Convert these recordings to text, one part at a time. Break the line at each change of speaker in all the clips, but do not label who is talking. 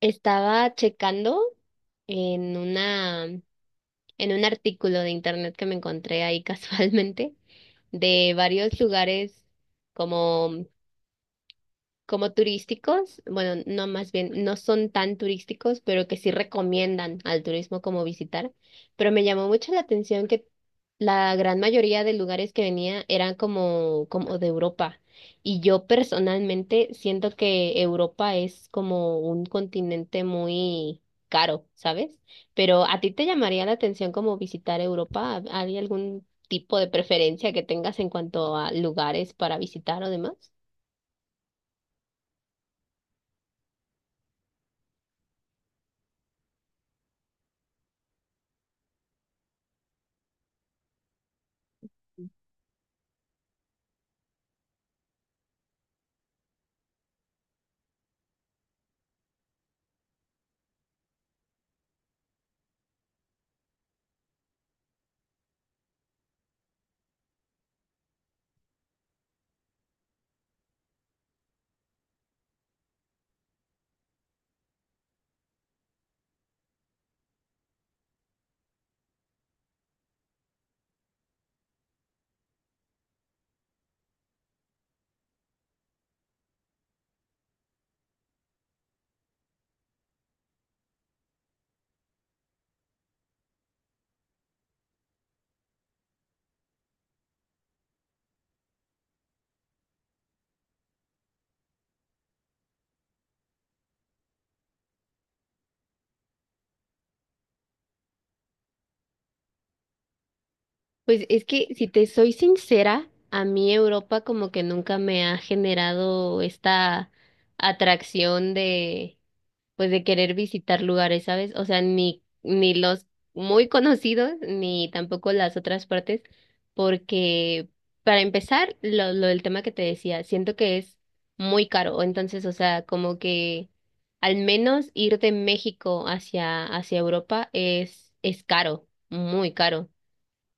Estaba checando en una, en un artículo de internet que me encontré ahí casualmente de varios lugares como turísticos. Bueno, no, más bien, no son tan turísticos, pero que sí recomiendan al turismo como visitar. Pero me llamó mucho la atención que la gran mayoría de lugares que venía eran como, como de Europa. Y yo personalmente siento que Europa es como un continente muy caro, ¿sabes? Pero ¿a ti te llamaría la atención como visitar Europa? ¿Hay algún tipo de preferencia que tengas en cuanto a lugares para visitar o demás? Pues es que si te soy sincera, a mí Europa como que nunca me ha generado esta atracción de, pues, de querer visitar lugares, ¿sabes? O sea, ni los muy conocidos ni tampoco las otras partes, porque, para empezar, lo del tema que te decía, siento que es muy caro. Entonces, o sea, como que al menos ir de México hacia Europa es caro, muy caro.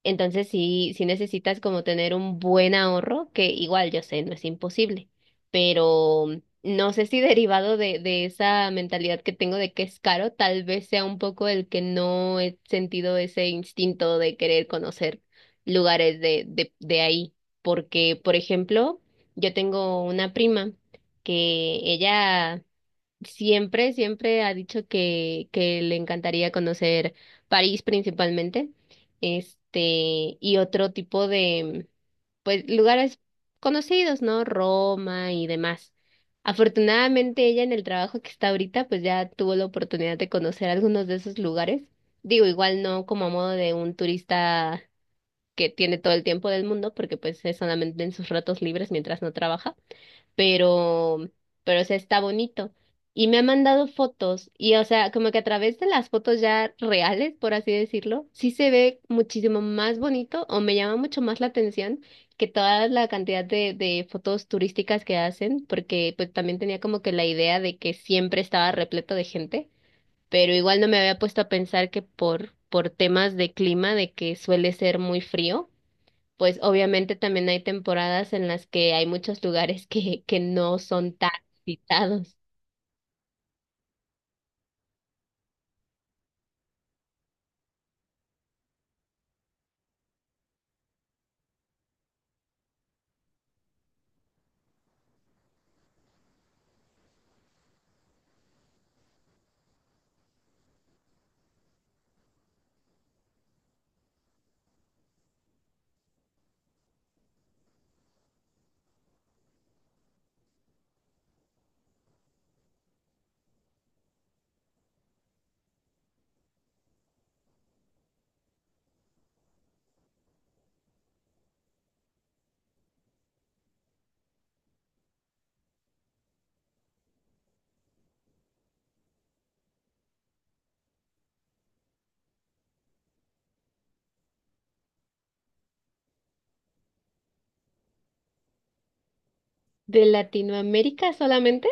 Entonces sí, sí necesitas como tener un buen ahorro, que, igual, yo sé, no es imposible, pero no sé si derivado de esa mentalidad que tengo de que es caro, tal vez sea un poco el que no he sentido ese instinto de querer conocer lugares de ahí. Porque, por ejemplo, yo tengo una prima que ella siempre, siempre ha dicho que le encantaría conocer París principalmente, y otro tipo de, pues, lugares conocidos, ¿no? Roma y demás. Afortunadamente, ella, en el trabajo que está ahorita, pues ya tuvo la oportunidad de conocer algunos de esos lugares. Digo, igual no como a modo de un turista que tiene todo el tiempo del mundo, porque pues es solamente en sus ratos libres mientras no trabaja, pero, pero, o sea, está bonito. Y me ha mandado fotos y, o sea, como que a través de las fotos ya reales, por así decirlo, sí se ve muchísimo más bonito o me llama mucho más la atención que toda la cantidad de fotos turísticas que hacen, porque pues también tenía como que la idea de que siempre estaba repleto de gente, pero igual no me había puesto a pensar que por temas de clima, de que suele ser muy frío, pues obviamente también hay temporadas en las que hay muchos lugares que no son tan visitados. ¿De Latinoamérica solamente?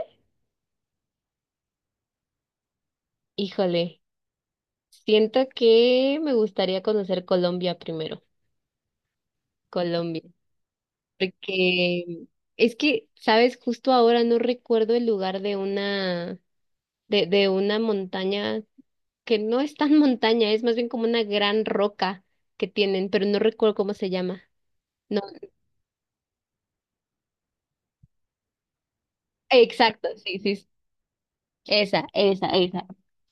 Híjole, siento que me gustaría conocer Colombia primero, Colombia, porque es que, sabes, justo ahora no recuerdo el lugar de una montaña que no es tan montaña, es más bien como una gran roca que tienen, pero no recuerdo cómo se llama. No, exacto, sí, sí, esa, esa, esa.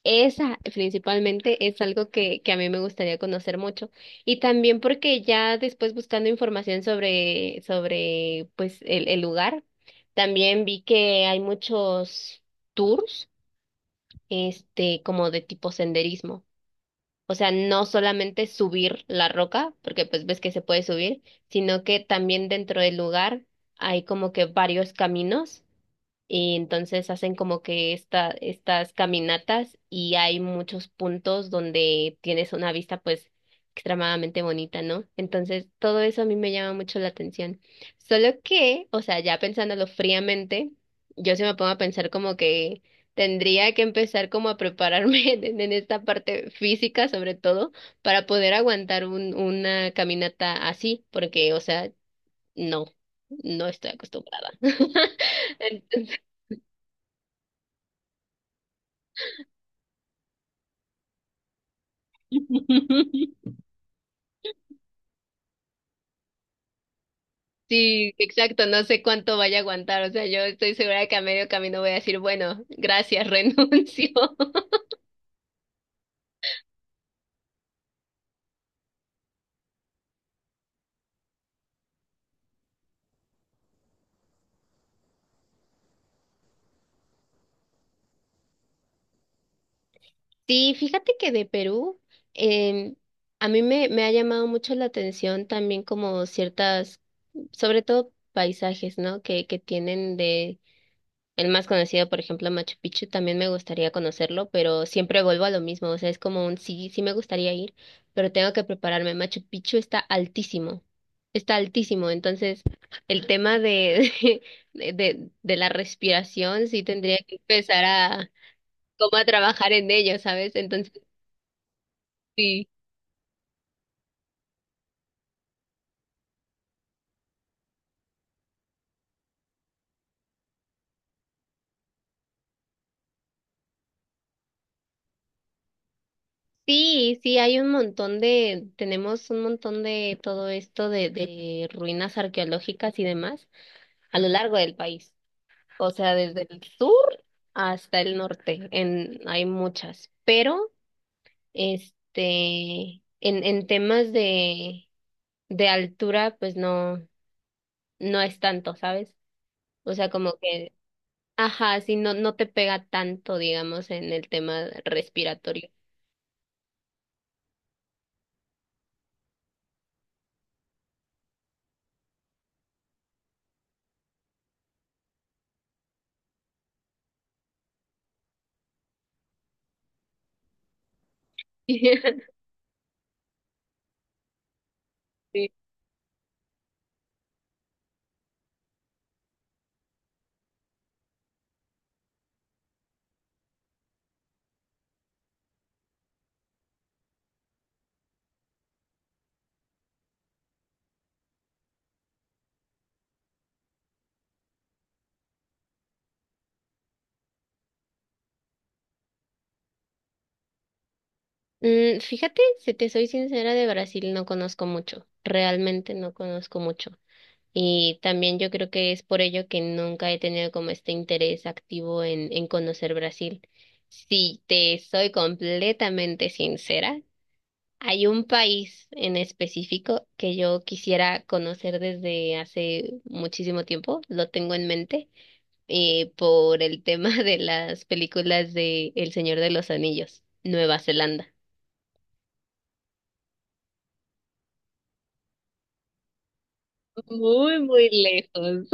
Esa principalmente es algo que a mí me gustaría conocer mucho. Y también porque ya después, buscando información sobre, sobre pues el lugar, también vi que hay muchos tours, como de tipo senderismo. O sea, no solamente subir la roca, porque pues ves que se puede subir, sino que también dentro del lugar hay como que varios caminos y entonces hacen como que esta, estas caminatas y hay muchos puntos donde tienes una vista pues extremadamente bonita, ¿no? Entonces todo eso a mí me llama mucho la atención. Solo que, o sea, ya pensándolo fríamente, yo se me pongo a pensar como que tendría que empezar como a prepararme en esta parte física sobre todo para poder aguantar un, una caminata así, porque, o sea, no, no estoy acostumbrada. Sí, exacto, no sé cuánto vaya a aguantar, o sea, yo estoy segura de que a medio camino voy a decir, bueno, gracias, renuncio. Sí, fíjate que de Perú, em, a mí me, me ha llamado mucho la atención también como ciertas, sobre todo paisajes, ¿no? Que tienen de... El más conocido, por ejemplo, Machu Picchu, también me gustaría conocerlo, pero siempre vuelvo a lo mismo, o sea, es como un sí, sí me gustaría ir, pero tengo que prepararme. Machu Picchu está altísimo, entonces el tema de, de la respiración sí tendría que empezar a, como a trabajar en ello, ¿sabes? Entonces, sí. Sí, sí, hay un montón de, tenemos un montón de todo esto de ruinas arqueológicas y demás a lo largo del país. O sea, desde el sur hasta el norte, en, hay muchas, pero en temas de altura, pues no, no es tanto, ¿sabes? O sea, como que, ajá, sí, no, no te pega tanto, digamos, en el tema respiratorio. Sí. Mm, fíjate, si te soy sincera, de Brasil no conozco mucho, realmente no conozco mucho. Y también yo creo que es por ello que nunca he tenido como este interés activo en conocer Brasil. Si te soy completamente sincera, hay un país en específico que yo quisiera conocer desde hace muchísimo tiempo, lo tengo en mente, por el tema de las películas de El Señor de los Anillos: Nueva Zelanda. Muy, muy lejos.